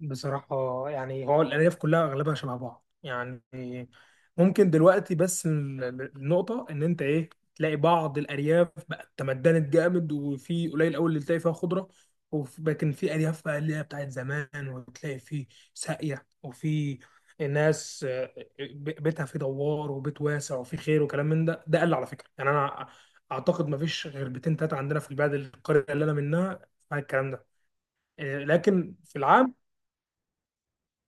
بصراحة، يعني هو الألياف كلها أغلبها شبه بعض. يعني ممكن دلوقتي بس النقطة إن أنت إيه، تلاقي بعض الأرياف بقت تمدنت جامد وفي قليل أوي اللي تلاقي فيها خضرة، لكن في أرياف بقى اللي هي بتاعت زمان، وتلاقي في ساقية وفي ناس، بيتها فيه دوار وبيت واسع وفي خير وكلام من ده. ده قل على فكرة. يعني أنا أعتقد مفيش غير بيتين تلاتة عندنا في البلد، القرية اللي أنا منها فيها الكلام ده. لكن في العام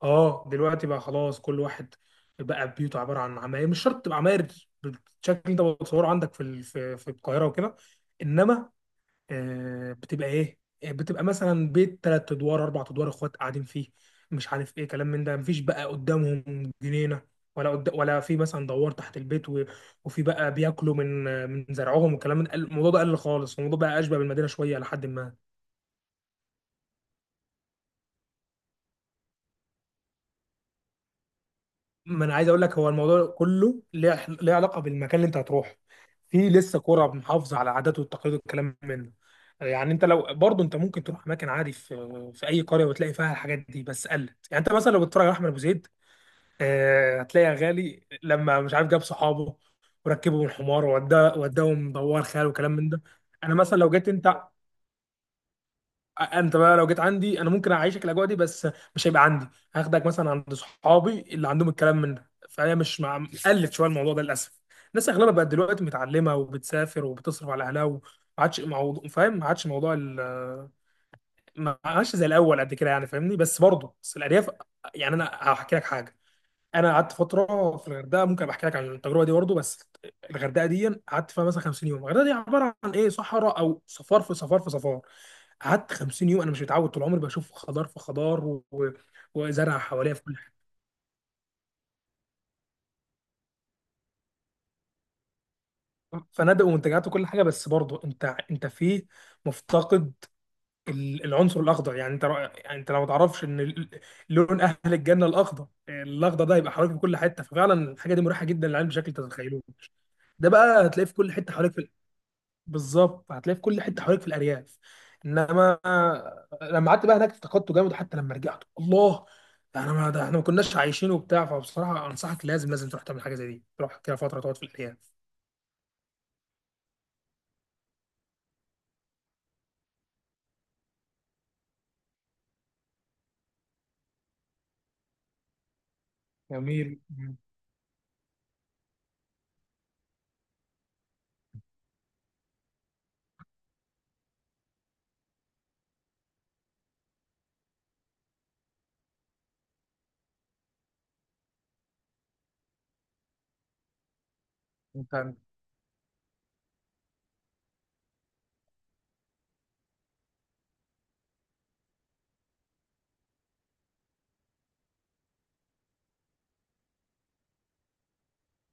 اه دلوقتي بقى خلاص كل واحد بقى بيوته عباره عن عماير. مش شرط تبقى عماير بالشكل ده بتصوره عندك في في القاهره وكده، انما بتبقى ايه، بتبقى مثلا بيت ثلاث ادوار اربع ادوار اخوات قاعدين فيه، مش عارف ايه كلام من ده. مفيش بقى قدامهم جنينه ولا ولا في مثلا دوار تحت البيت وفي بقى بياكلوا من زرعهم وكلام من الموضوع ده. قل خالص الموضوع، بقى اشبه بالمدينه شويه لحد ما. ما انا عايز اقول لك، هو الموضوع كله ليه علاقه بالمكان اللي انت هتروحه. في لسه قرى محافظه على عاداته والتقاليد والكلام منه. يعني انت لو برضه انت ممكن تروح اماكن عادي في في اي قريه وتلاقي فيها الحاجات دي، بس قلت يعني انت مثلا لو بتتفرج على احمد ابو زيد، هتلاقي غالي لما مش عارف جاب صحابه وركبهم الحمار ووداه وداهم دوار خيال وكلام من ده. انا مثلا لو جيت انت، انت بقى لو جيت عندي انا ممكن اعيشك الاجواء دي، بس مش هيبقى عندي. هاخدك مثلا عند صحابي اللي عندهم الكلام من ده، فهي مش مع قلت شويه الموضوع ده للاسف. الناس اغلبها بقت دلوقتي متعلمه وبتسافر وبتصرف على اهلها، وما عادش موضوع، فاهم؟ ما عادش موضوع ما عادش زي الاول قد كده، يعني فاهمني؟ بس برضه بس الارياف، يعني انا هحكي لك حاجه. انا قعدت فتره في الغردقه، ممكن أبقى احكي لك عن التجربه دي برضه. بس الغردقه دي قعدت فيها مثلا 50 يوم، الغردقه دي عباره عن ايه؟ صحراء او صفار في صفار في صفار. قعدت 50 يوم انا مش متعود طول عمري بشوف خضار في خضار وزرع حواليا في كل حاجه، فنادق ومنتجعات وكل حاجه. بس برضه انت فيه مفتقد العنصر الاخضر. يعني انت يعني انت لو ما تعرفش ان لون اهل الجنه الاخضر، الاخضر ده هيبقى حواليك في كل حته، ففعلا الحاجه دي مريحه جدا للعين بشكل انت ما تتخيلوش. ده بقى هتلاقيه في كل حته حواليك، بالظبط هتلاقيه في كل حته حواليك في الارياف، انما لما قعدت بقى هناك افتقدته جامد. حتى لما رجعت، الله، ده احنا ما كناش عايشين وبتاع. فبصراحه انصحك، لازم لازم تروح تعمل حاجه زي دي، تروح كده فتره تقعد في الارياف. جميل. مم. انت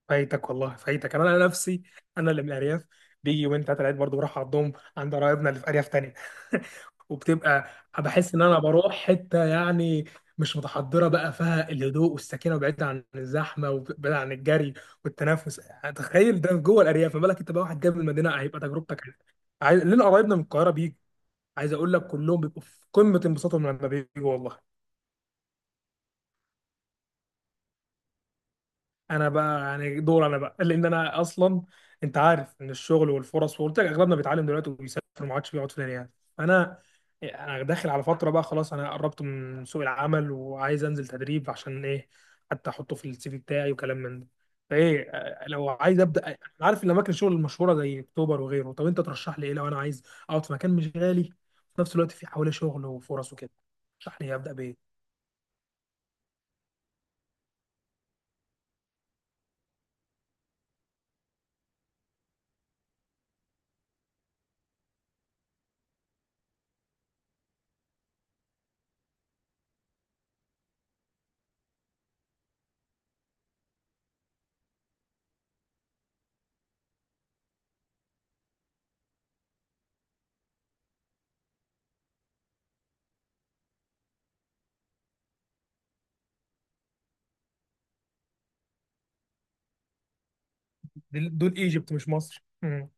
فايتك والله، فايتك. انا نفسي، انا اللي من الارياف بيجي يومين ثلاثه العيد برضه بروح اقضيهم عند قرايبنا اللي في ارياف تانية. وبتبقى بحس ان انا بروح حته يعني مش متحضره، بقى فيها الهدوء والسكينه وبعيد عن الزحمه وبعيد عن الجري والتنافس. تخيل ده جوه الارياف، ما بالك انت بقى واحد جاي من المدينه، هيبقى تجربتك عايز لنا. قرايبنا من القاهره بيجي، عايز اقول لك كلهم بيبقوا في قمه انبساطهم لما بيجوا والله. انا بقى يعني دور انا بقى لان انا اصلا، انت عارف ان الشغل والفرص، وقلت لك اغلبنا بيتعلم دلوقتي وبيسافر ما عادش بيقعد في الارياف. فانا انا داخل على فتره بقى خلاص، انا قربت من سوق العمل وعايز انزل تدريب عشان ايه، حتى احطه في السي في بتاعي وكلام من ده. فايه لو عايز ابدا انا عارف ان اماكن الشغل المشهوره زي اكتوبر وغيره. طب انت ترشح لي ايه لو انا عايز اقعد في مكان مش غالي في نفس الوقت في حواليه شغل وفرص وكده؟ ترشح لي ابدا بايه؟ دول دول ايجيبت مش مصر. مم.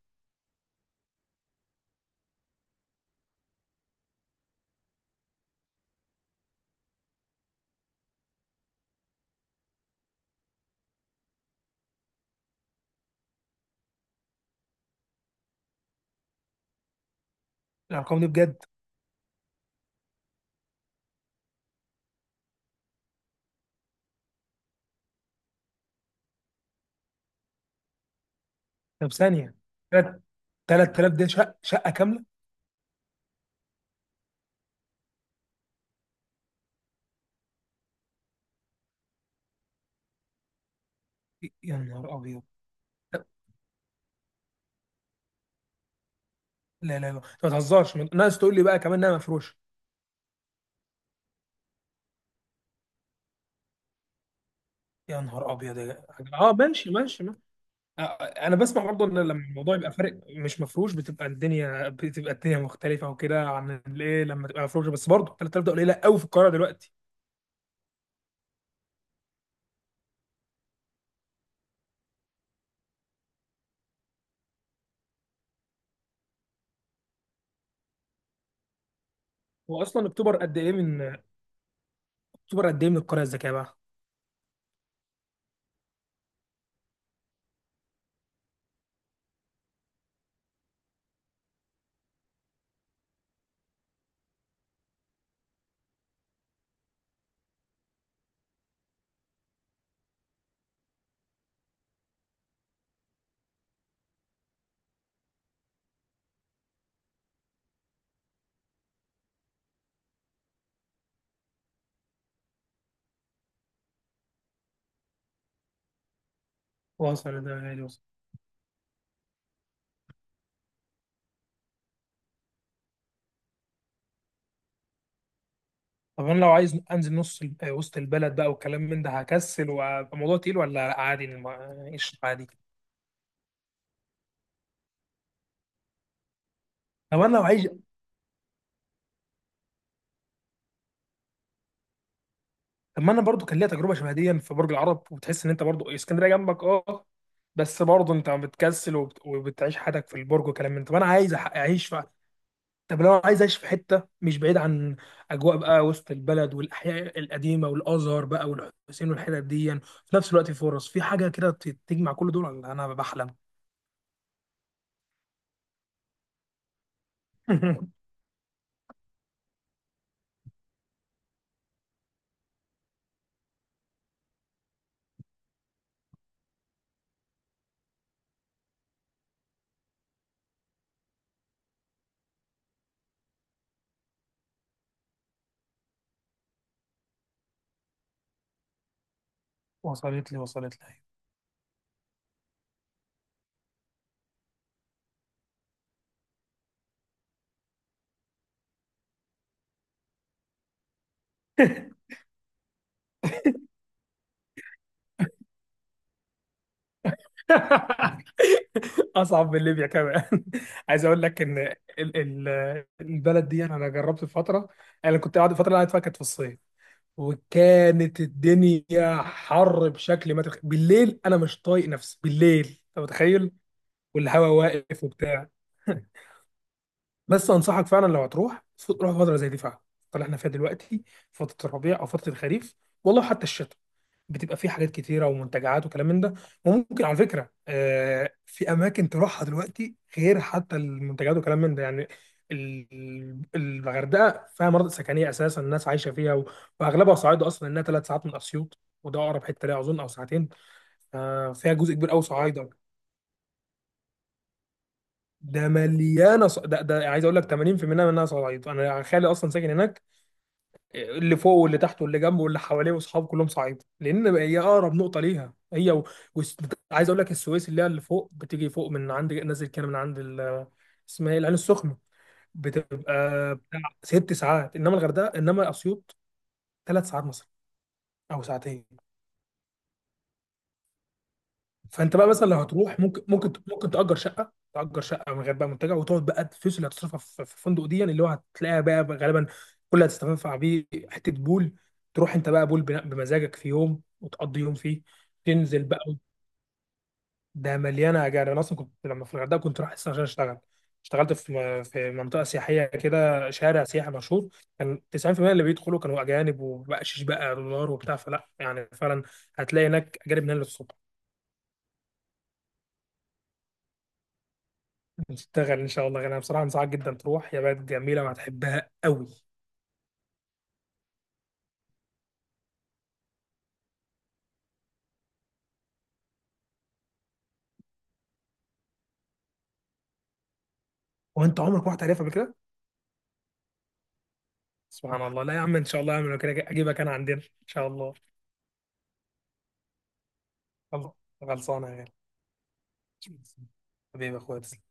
الارقام دي بجد؟ طب ثانية، تلات تلات آلاف دي شقة، شقة كاملة؟ يا نهار أبيض! لا لا لا، أنت ما تهزرش. ناقص تقول لي بقى كمان إنها مفروشة! يا نهار أبيض يا جدع. أه ماشي ماشي ما. أنا بسمع برضه إن لما الموضوع يبقى فارق مش مفروش، بتبقى الدنيا مختلفة وكده عن الإيه لما تبقى مفروشة. بس برضه 3,000 ده قليلة قوي في القاهرة دلوقتي. هو أصلا أكتوبر قد إيه من، أكتوبر قد إيه من القرية الذكية بقى؟ وصل ده غالي. طب انا لو عايز انزل نص وسط البلد بقى والكلام من ده، هكسل وابقى موضوع تقيل ولا لأ عادي؟ قشطة عادي. طب انا لو عايز، طب ما انا برضو كان ليا تجربه شبه دي في برج العرب، وتحس ان انت برضو اسكندريه جنبك بس برضو انت بتكسل وبتعيش حياتك في البرج وكلام من ده. طب انا عايز اعيش في، طب لو أنا عايز اعيش في حته مش بعيد عن اجواء بقى وسط البلد والاحياء القديمه والازهر بقى والحسين والحتت دي، في نفس الوقت فرص في حاجه كده تجمع كل دول، ولا انا بحلم؟ وصلت لي، وصلت لي. اصعب من ليبيا كمان. عايز اقول لك ان ال- البلد دي انا جربت في فتره. انا كنت قاعد الفتره اللي قاعد فيها كانت في الصيف، وكانت الدنيا حر بشكل ما تخ... بالليل انا مش طايق نفسي بالليل، انت متخيل؟ والهواء واقف وبتاع. بس انصحك فعلا لو هتروح، روح فتره زي دي فعلا، الفترة اللي احنا فيها دلوقتي، فتره الربيع او فتره الخريف، والله حتى الشتاء. بتبقى فيه حاجات كتيره ومنتجعات وكلام من ده. وممكن على فكره في اماكن تروحها دلوقتي غير حتى المنتجعات وكلام من ده. يعني الغردقه فيها مناطق سكنيه اساسا الناس عايشه فيها، و- واغلبها صعايده. اصلا انها ثلاث ساعات من اسيوط، وده اقرب حته ليها اظن، او ساعتين. فيها جزء كبير قوي صعايده. ده مليانه ص... ده, ده عايز اقول لك 80% منها صعايده. انا خالي اصلا ساكن هناك، اللي فوق واللي تحته واللي جنبه واللي حواليه واصحابه كلهم صعيده، لان هي اقرب نقطه ليها هي و... عايز اقول لك السويس اللي هي اللي فوق بتيجي فوق من عند نازل كده من عند اسمها ايه، العين السخنه، بتبقى بتاع ست ساعات، انما الغردقه، انما اسيوط، ثلاث ساعات مثلا او ساعتين. فانت بقى مثلا لو هتروح ممكن تأجر شقه من غير بقى منتجع، وتقعد بقى الفلوس اللي هتصرفها في الفندق دي، يعني اللي هو هتلاقيها بقى غالبا كل اللي هتستنفع بيه حته بول، تروح انت بقى بول بمزاجك في يوم وتقضي يوم فيه. تنزل بقى، ده مليانه اجار. انا اصلا كنت لما في الغردقه كنت رايح اصلا عشان اشتغل. اشتغلت في في منطقه سياحيه كده، شارع سياحي مشهور. كان 90% اللي بيدخلوا كانوا اجانب، وبقشيش بقى دولار وبتاع، فلا يعني فعلا هتلاقي هناك اجانب من هنا. هتشتغل ان شاء الله غالبا. بصراحه انصحك جدا تروح، هي بلد جميله وهتحبها قوي. وانت عمرك ما رحت عليها قبل كده؟ سبحان الله! لا يا عم، ان شاء الله يا عم، لو كده اجيبك انا عندنا ان شاء الله. خلص- خلصانه يا غالي. حبيبي يا اخويا.